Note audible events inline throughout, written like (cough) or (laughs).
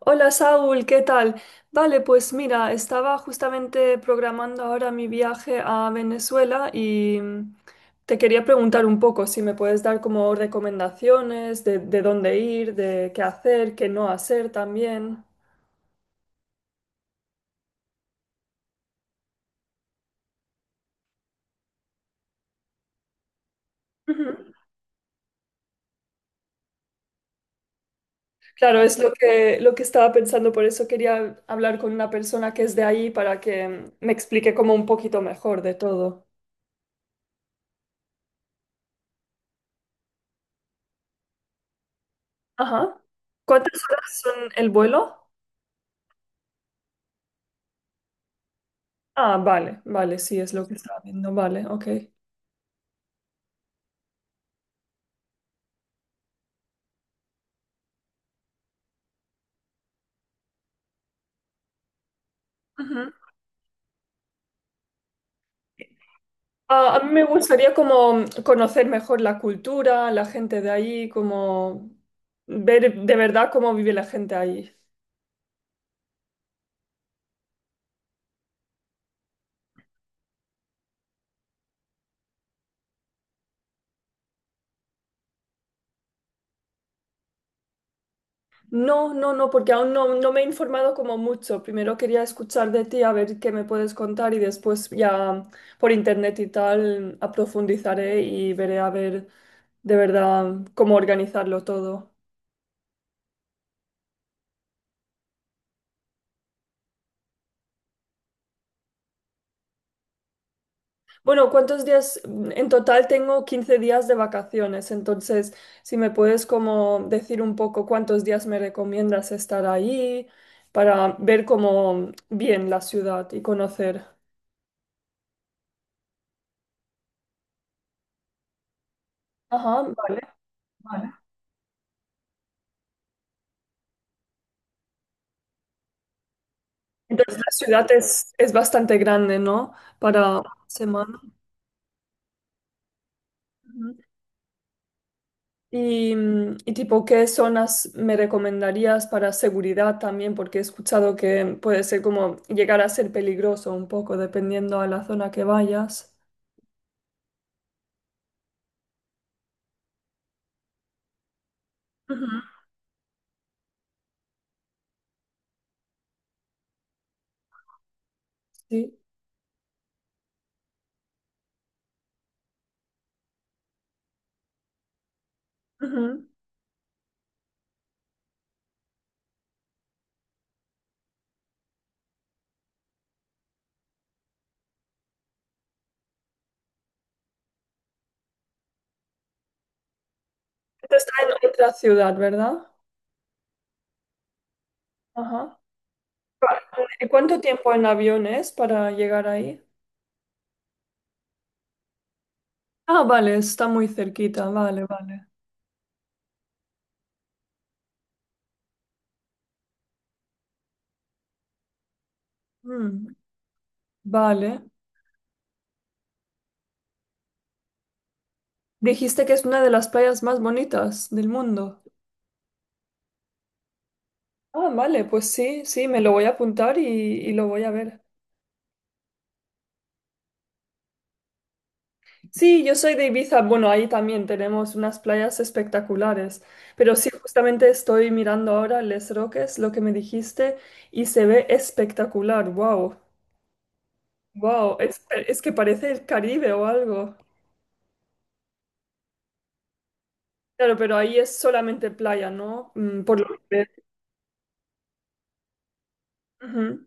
Hola Saúl, ¿qué tal? Vale, pues mira, estaba justamente programando ahora mi viaje a Venezuela y te quería preguntar un poco si me puedes dar como recomendaciones de dónde ir, de qué hacer, qué no hacer también. Ujú. Claro, es lo que estaba pensando, por eso quería hablar con una persona que es de ahí para que me explique como un poquito mejor de todo. Ajá. ¿Cuántas horas son el vuelo? Ah, vale, vale, sí, es lo que estaba viendo, vale, ok. Ujú. Ah, a mí me gustaría como conocer mejor la cultura, la gente de ahí, como ver de verdad cómo vive la gente ahí. No, no, no, porque aún no me he informado como mucho. Primero quería escuchar de ti, a ver qué me puedes contar y después ya por internet y tal aprofundizaré y veré a ver de verdad cómo organizarlo todo. Bueno, ¿cuántos días? En total tengo 15 días de vacaciones, entonces si me puedes como decir un poco cuántos días me recomiendas estar ahí para ver como bien la ciudad y conocer. Ajá, vale. Vale. Entonces la ciudad es bastante grande, ¿no? Para una semana. Y tipo, ¿qué zonas me recomendarías para seguridad también? Porque he escuchado que puede ser como llegar a ser peligroso un poco dependiendo a la zona que vayas. Ujú. Sí. Ujú. Esto está en otra ciudad, ¿verdad? Ajá. ¿Y cuánto tiempo en avión es para llegar ahí? Ah, vale, está muy cerquita, vale, vale. Mm, vale. Dijiste que es una de las playas más bonitas del mundo. Ah, vale, pues sí, sí, me lo voy a apuntar y lo voy a ver. Sí, yo soy de Ibiza, bueno, ahí también tenemos unas playas espectaculares, pero sí, justamente estoy mirando ahora Les Roques, lo que me dijiste, y se ve espectacular, wow, wow, es que parece el Caribe o algo. Claro, pero ahí es solamente playa, ¿no? Por lo que veo. Ujú.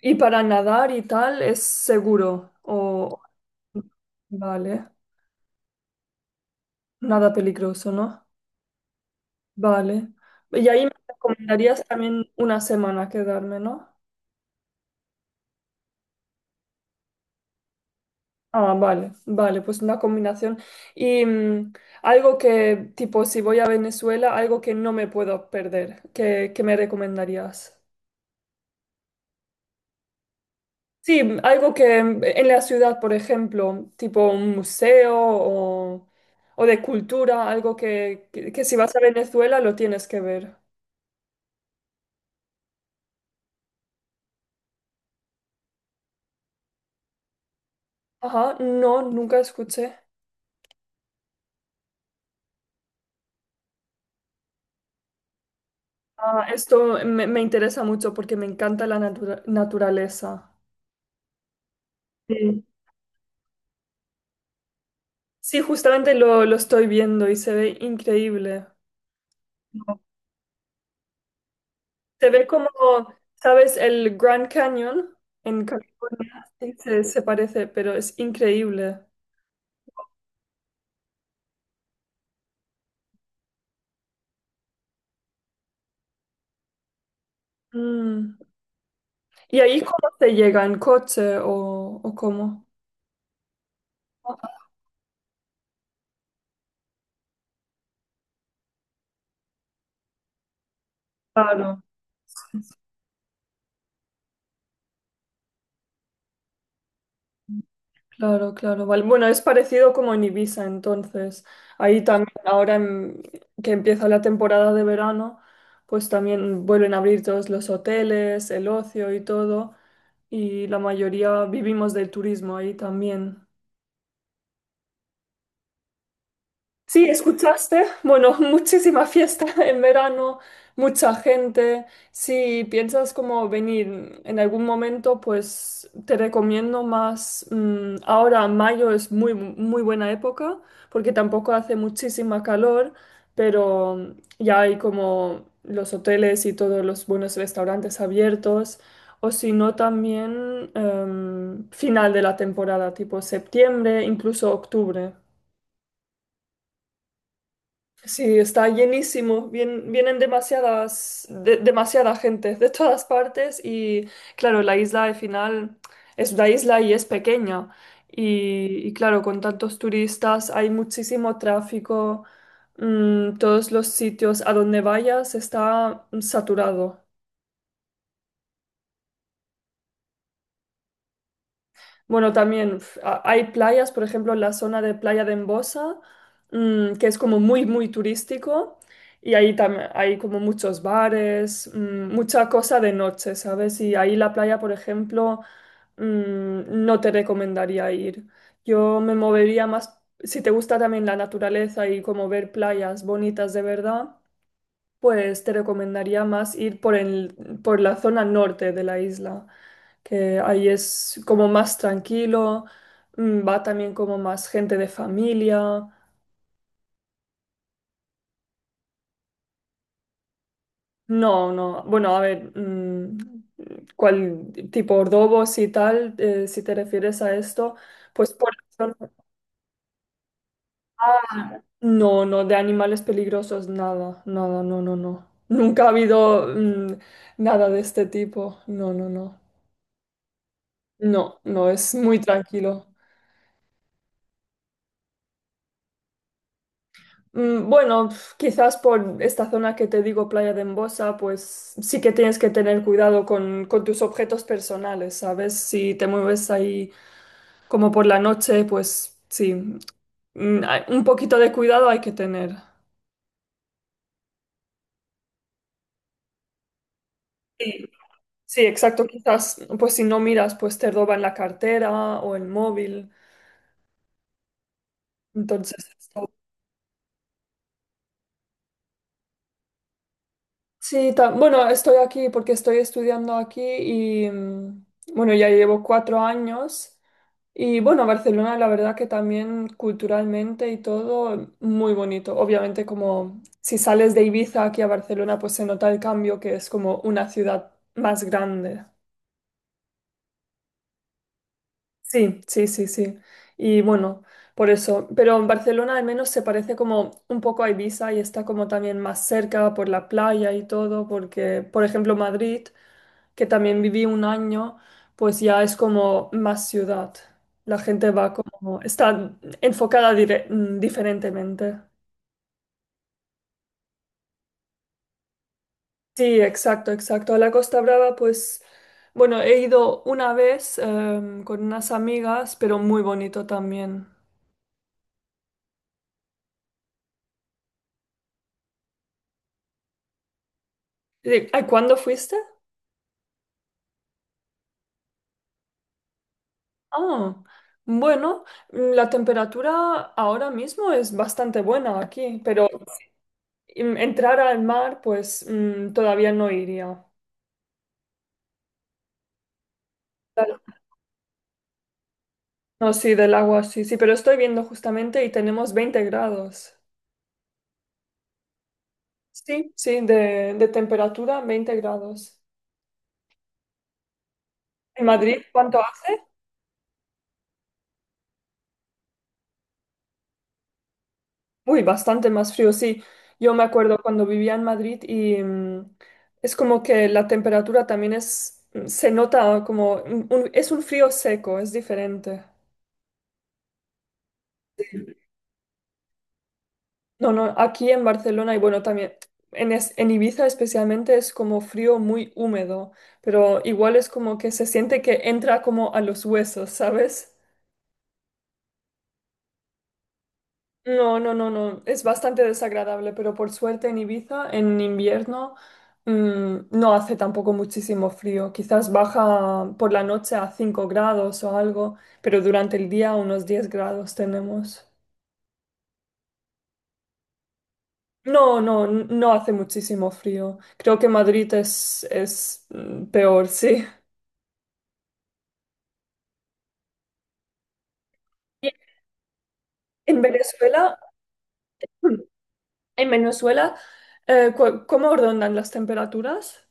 Y para nadar y tal es seguro, o. Vale, nada peligroso, ¿no? Vale. Y ahí me recomendarías también una semana quedarme, ¿no? Ah, vale, vale, pues una combinación. Y algo que, tipo, si voy a Venezuela, algo que no me puedo perder, que me recomendarías? Sí, algo que en la ciudad, por ejemplo, tipo un museo o de cultura, algo que si vas a Venezuela lo tienes que ver. Ajá, no, nunca escuché. Ah, esto me interesa mucho porque me encanta la naturaleza. Sí. Sí, justamente lo estoy viendo y se ve increíble. Se ve como, ¿sabes? El Grand Canyon en California. Sí, se parece, pero es increíble. Mm. ¿Y ahí cómo se llega? ¿En coche o cómo? Claro. Claro, claro, vale. Bueno, es parecido como en Ibiza, entonces. Ahí también, ahora que empieza la temporada de verano, pues también vuelven a abrir todos los hoteles, el ocio y todo. Y la mayoría vivimos del turismo ahí también. Sí, escuchaste. Bueno, (laughs) muchísima fiesta en verano, mucha gente. Si piensas como venir en algún momento, pues te recomiendo más. Ahora mayo es muy, muy buena época porque tampoco hace muchísima calor, pero ya hay como los hoteles y todos los buenos restaurantes abiertos. O si no, también final de la temporada, tipo septiembre, incluso octubre. Sí, está llenísimo. Vienen demasiada gente de todas partes y claro, la isla al final es una isla y es pequeña. Y, claro, con tantos turistas hay muchísimo tráfico. Todos los sitios a donde vayas está saturado. Bueno, también hay playas, por ejemplo, la zona de Playa de Embosa, que es como muy, muy turístico y ahí también hay como muchos bares, mucha cosa de noche, ¿sabes? Y ahí la playa, por ejemplo, no te recomendaría ir. Yo me movería más, si te gusta también la naturaleza y como ver playas bonitas de verdad, pues te recomendaría más ir por la zona norte de la isla, que ahí es como más tranquilo, va también como más gente de familia. No, no, bueno, a ver, cuál tipo Ordovos y tal, si te refieres a esto, pues por la zona. Ah, no, no, de animales peligrosos, nada, nada, no, no, no. Nunca ha habido nada de este tipo, no, no, no. No, no, es muy tranquilo. Bueno, quizás por esta zona que te digo, Playa de Embosa, pues sí que tienes que tener cuidado con tus objetos personales, ¿sabes? Si te mueves ahí como por la noche, pues sí, un poquito de cuidado hay que tener. Sí, sí, exacto. Quizás, pues si no miras, pues te roban la cartera o el móvil. Entonces. Sí, bueno, estoy aquí porque estoy estudiando aquí y bueno, ya llevo 4 años y bueno, Barcelona la verdad que también culturalmente y todo muy bonito. Obviamente como si sales de Ibiza aquí a Barcelona pues se nota el cambio que es como una ciudad más grande. Sí, sí, sí, sí. Y bueno, por eso. Pero en Barcelona al menos se parece como un poco a Ibiza y está como también más cerca por la playa y todo, porque, por ejemplo, Madrid, que también viví un año, pues ya es como más ciudad. La gente va como, está enfocada diferentemente. Sí, exacto, exacto. A la Costa Brava, pues, bueno, he ido una vez con unas amigas, pero muy bonito también. ¿Cuándo fuiste? Ah, bueno, la temperatura ahora mismo es bastante buena aquí, pero si, entrar al mar, pues todavía no iría. Claro. No, sí, del agua, sí, sí, pero estoy viendo justamente y tenemos 20 grados. Sí, sí, de temperatura, 20 grados. ¿En Madrid cuánto hace? Uy, bastante más frío, sí. Yo me acuerdo cuando vivía en Madrid y es como que la temperatura también es, se nota como, es un frío seco, es diferente. No, no, aquí en Barcelona y bueno, también en Ibiza especialmente es como frío muy húmedo, pero igual es como que se siente que entra como a los huesos, ¿sabes? No, no, no, no. Es bastante desagradable, pero por suerte en Ibiza, en invierno, no hace tampoco muchísimo frío. Quizás baja por la noche a 5 grados o algo, pero durante el día unos 10 grados tenemos. No, no, no hace muchísimo frío. Creo que Madrid es peor, sí. Y En Venezuela, (clears throat) en Venezuela, ¿cómo rondan las temperaturas?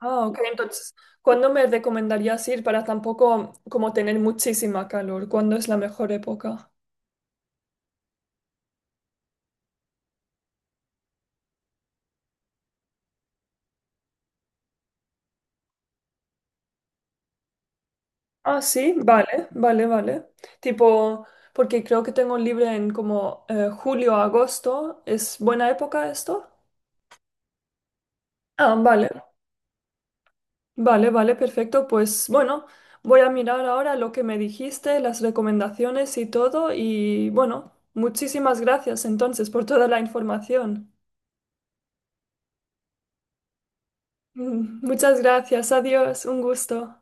Ah, ok. Entonces, ¿cuándo me recomendarías ir para tampoco como tener muchísima calor? ¿Cuándo es la mejor época? Ah, sí, vale, vale, vale. Tipo, porque creo que tengo libre en como julio, agosto. ¿Es buena época esto? Ah, vale, vale, vale, perfecto. Pues bueno, voy a mirar ahora lo que me dijiste, las recomendaciones y todo. Y bueno, muchísimas gracias entonces por toda la información. (laughs) Muchas gracias, adiós, un gusto.